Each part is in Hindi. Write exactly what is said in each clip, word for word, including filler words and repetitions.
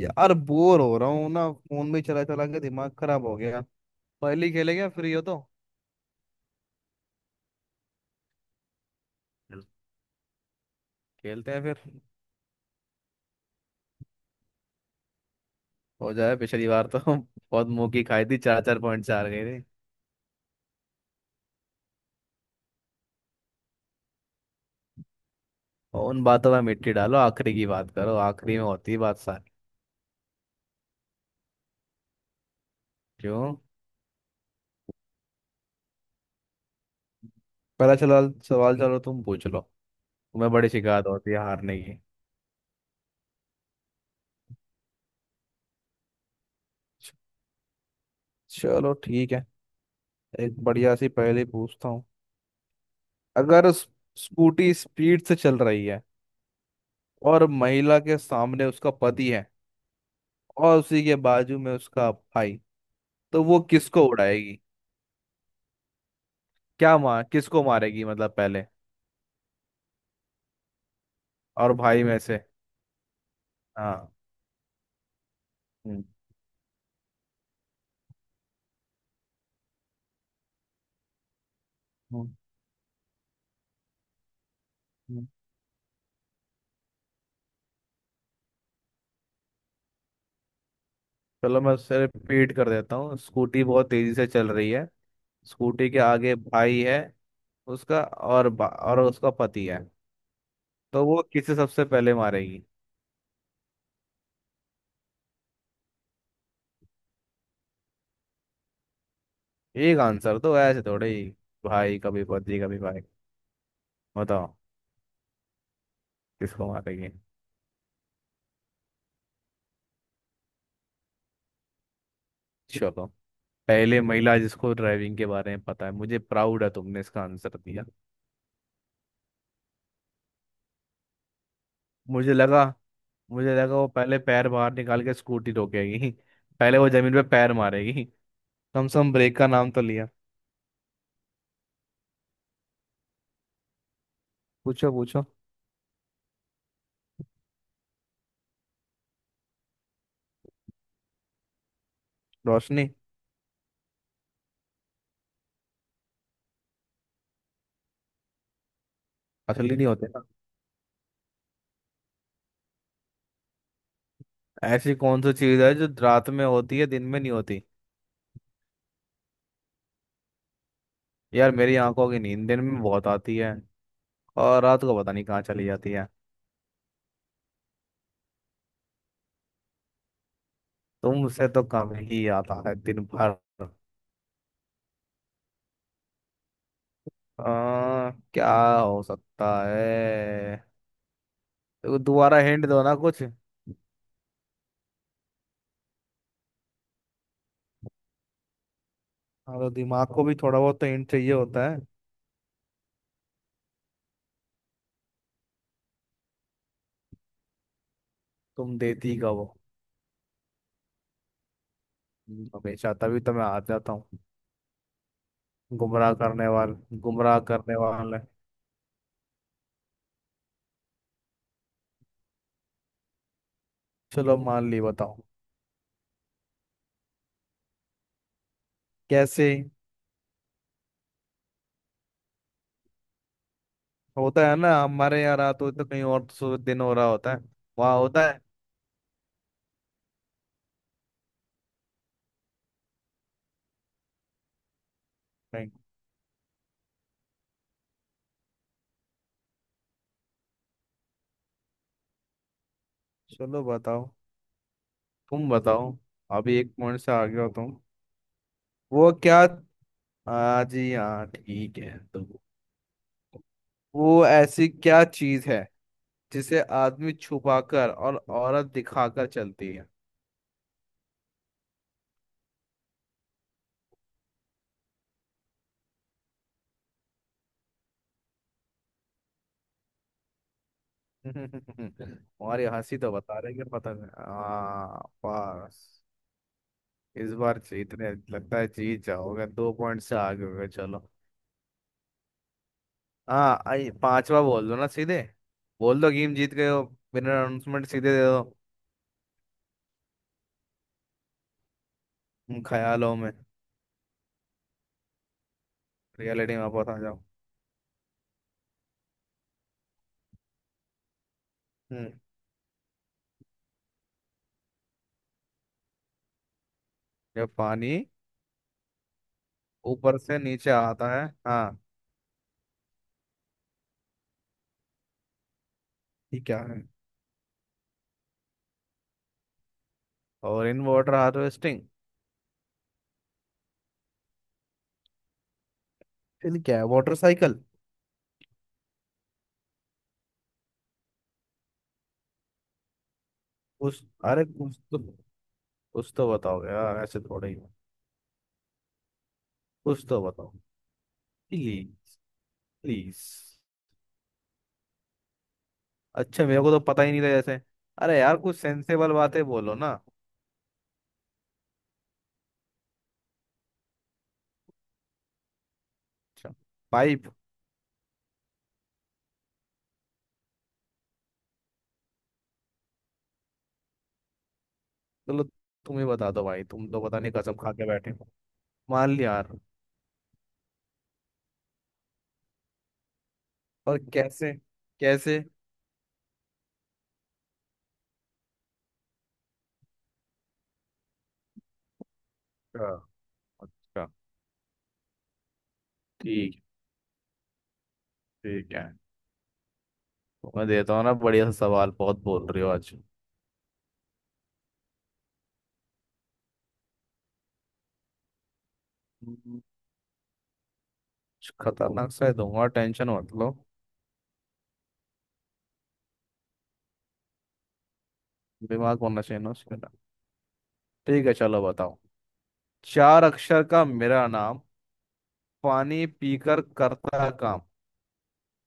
यार बोर हो रहा हूँ ना फोन में चला चला के दिमाग खराब हो गया। पहले खेले क्या फ्री हो तो। चलो। खेलते हैं फिर। हो जाए। पिछली बार तो बहुत मुंह की खाई थी। चार चार पॉइंट चार गए थे। और उन बातों में मिट्टी डालो। आखिरी की बात करो। आखिरी में होती है बात सारी। क्यों? पहला चला सवाल। चलो तुम पूछ लो। तुम्हें बड़ी शिकायत होती है हारने की। च- चलो ठीक है। एक बढ़िया सी पहेली पूछता हूँ। अगर उस- स्कूटी स्पीड से चल रही है। और महिला के सामने उसका पति है। और उसी के बाजू में उसका भाई। तो वो किसको उड़ाएगी? क्या मार? किसको मारेगी मतलब पहले और भाई में से? हाँ। हम्म। हम्म। हम्म। चलो, मैं उसे रिपीट कर देता हूँ। स्कूटी बहुत तेजी से चल रही है। स्कूटी के आगे भाई है उसका और बा, और उसका पति है। तो वो किसे सबसे पहले मारेगी? एक आंसर तो ऐसे थोड़े ही। भाई कभी पति कभी भाई। बताओ किसको मारेगी। चलो। पहले महिला जिसको ड्राइविंग के बारे में पता है। मुझे प्राउड है तुमने इसका आंसर दिया। मुझे लगा मुझे लगा वो पहले पैर बाहर निकाल के स्कूटी रोकेगी। पहले वो जमीन पे पैर मारेगी। कम से कम ब्रेक का नाम तो लिया। पूछो पूछो। रोशनी। असली नहीं होते ना। ऐसी कौन सी चीज है जो रात में होती है दिन में नहीं होती? यार मेरी आंखों की नींद दिन में बहुत आती है। और रात को पता नहीं कहाँ चली जाती है। तुमसे तो कम ही आता है दिन भर। आ, क्या हो सकता है? तो दोबारा हिंट दो ना कुछ। हाँ। तो दिमाग को भी थोड़ा बहुत तो हिंट चाहिए होता है। तुम देती का वो हमेशा। तभी तो मैं हार जाता हूँ। गुमराह करने वाले गुमराह करने वाले। चलो मान ली। बताओ कैसे। होता है ना। हमारे यहाँ रात होती तो कहीं और सो- दिन हो रहा होता है। वहाँ होता है। नहीं। चलो बताओ। तुम बताओ। अभी एक पॉइंट से आगे हो तुम। वो क्या? हाँ जी हाँ ठीक है तो। वो ऐसी क्या चीज है जिसे आदमी छुपाकर और औरत दिखाकर चलती है? तुम्हारी हंसी तो बता रही है पता नहीं। हाँ बस। इस बार जीतने लगता है। जीत जाओगे। दो पॉइंट से आगे हो गए। चलो। हाँ आई पांचवा बोल दो ना सीधे। बोल दो गेम जीत गए हो। बिना अनाउंसमेंट सीधे दे दो। तुम ख्यालों में। रियलिटी में वापस आ जाओ। हम्म। जब पानी ऊपर से नीचे आता है। हाँ। ये क्या है? और इन वाटर हार्वेस्टिंग। फिर क्या है? Water cycle. उस अरे कुछ तो, कुछ तो बताओ यार। ऐसे थोड़े ही। कुछ तो बताओ। प्लीज। प्लीज। अच्छा, मेरे को तो पता ही नहीं था जैसे। अरे यार कुछ सेंसेबल बातें बोलो ना। अच्छा। पाइप। चलो, तुम ही बता दो भाई। तुम तो पता नहीं कसम खा के बैठे हो। मान लिया यार। और कैसे? कैसे? अच्छा। अच्छा, ठीक। ठीक है। तो मैं देता हूँ ना बढ़िया सा सवाल। बहुत बोल रही हो आज। हम्म, कुछ खतरनाक सा ही दूंगा। टेंशन मत लो। दिमाग होना चाहिए ना उसके अंदर। ठीक है चलो बताओ। चार अक्षर का मेरा नाम। पानी पीकर करता काम।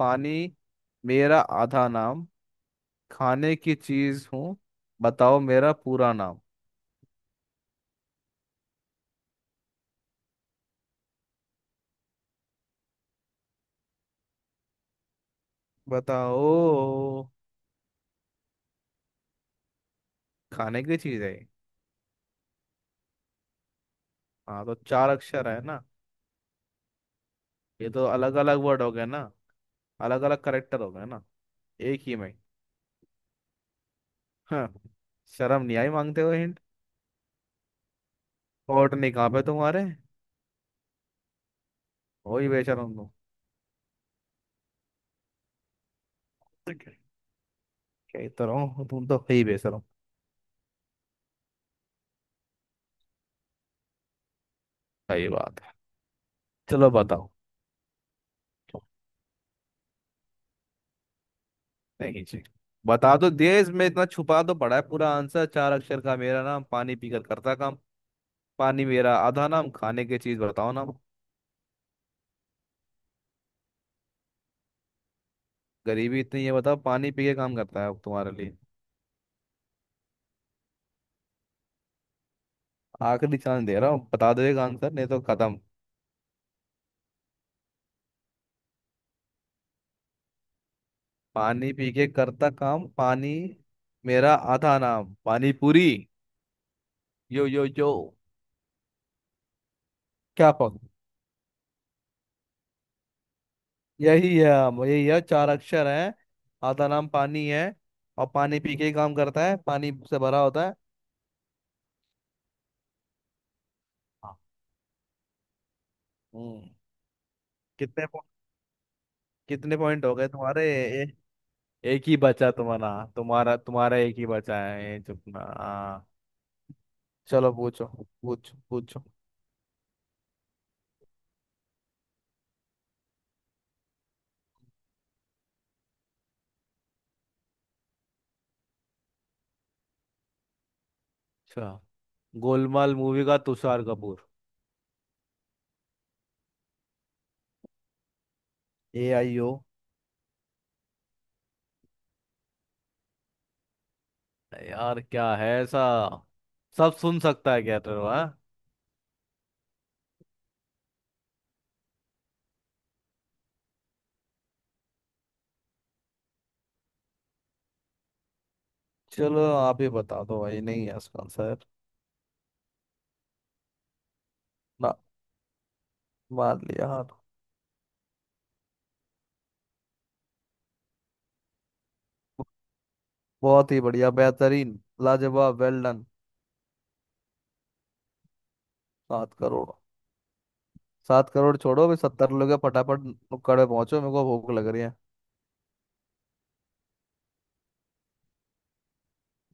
पानी मेरा आधा नाम। खाने की चीज हूँ। बताओ मेरा पूरा नाम। बताओ। खाने की चीज है ये। हाँ तो चार अक्षर है ना। ये तो अलग अलग वर्ड हो गए ना। अलग अलग करेक्टर हो गए ना। एक ही में। हाँ। शर्म नहीं आई मांगते हो हिंट? होठ नहीं कहाँ पे तुम्हारे। हो ही बेशरम तुम। ठीक है। कह तो रहा हूँ तुम तो ही बेशरम। सही बात है। चलो बताओ। नहीं जी। बता तो दिए। इसमें इतना छुपा तो पड़ा है पूरा आंसर। चार अक्षर का मेरा नाम, पानी पीकर करता काम। पानी मेरा आधा नाम। खाने की चीज। बताओ ना। गरीबी इतनी है? बताओ, पानी पी के काम करता है अब तुम्हारे लिए। आखिरी चांस दे रहा हूँ। बता दो एक आंसर नहीं तो खत्म। पानी पी के करता काम। पानी मेरा आधा नाम। पानी पूरी। यो यो यो। क्या पक? यही है। हम, यही है। चार अक्षर है। आधा नाम पानी है। और पानी पी के ही काम करता है। पानी से भरा होता है। हाँ। हम्म। कितने पो- कितने पॉइंट हो गए तुम्हारे? ए, एक ही बचा तुम्हारा तुम्हारा तुम्हारा एक ही बचा है। ये चुपना हाँ। चलो पूछो। पूछो पूछो। अच्छा। गोलमाल मूवी का तुषार कपूर। ए आई ओ। यार क्या है ऐसा? सब सुन सकता है क्या तेरे को, हाँ? चलो आप ही बता दो भाई। नहीं है इसका आंसर। ना। मान लिया हाँ। बहुत ही बढ़िया। बेहतरीन। लाजवाब। Well done. सात करोड़। सात करोड़। छोड़ो अभी। सत्तर लोगे फटाफट। नुक्कड़ पे पहुंचो। मेरे को भूख लग रही है।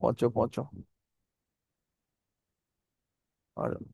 पहुंचो पहुंचो। और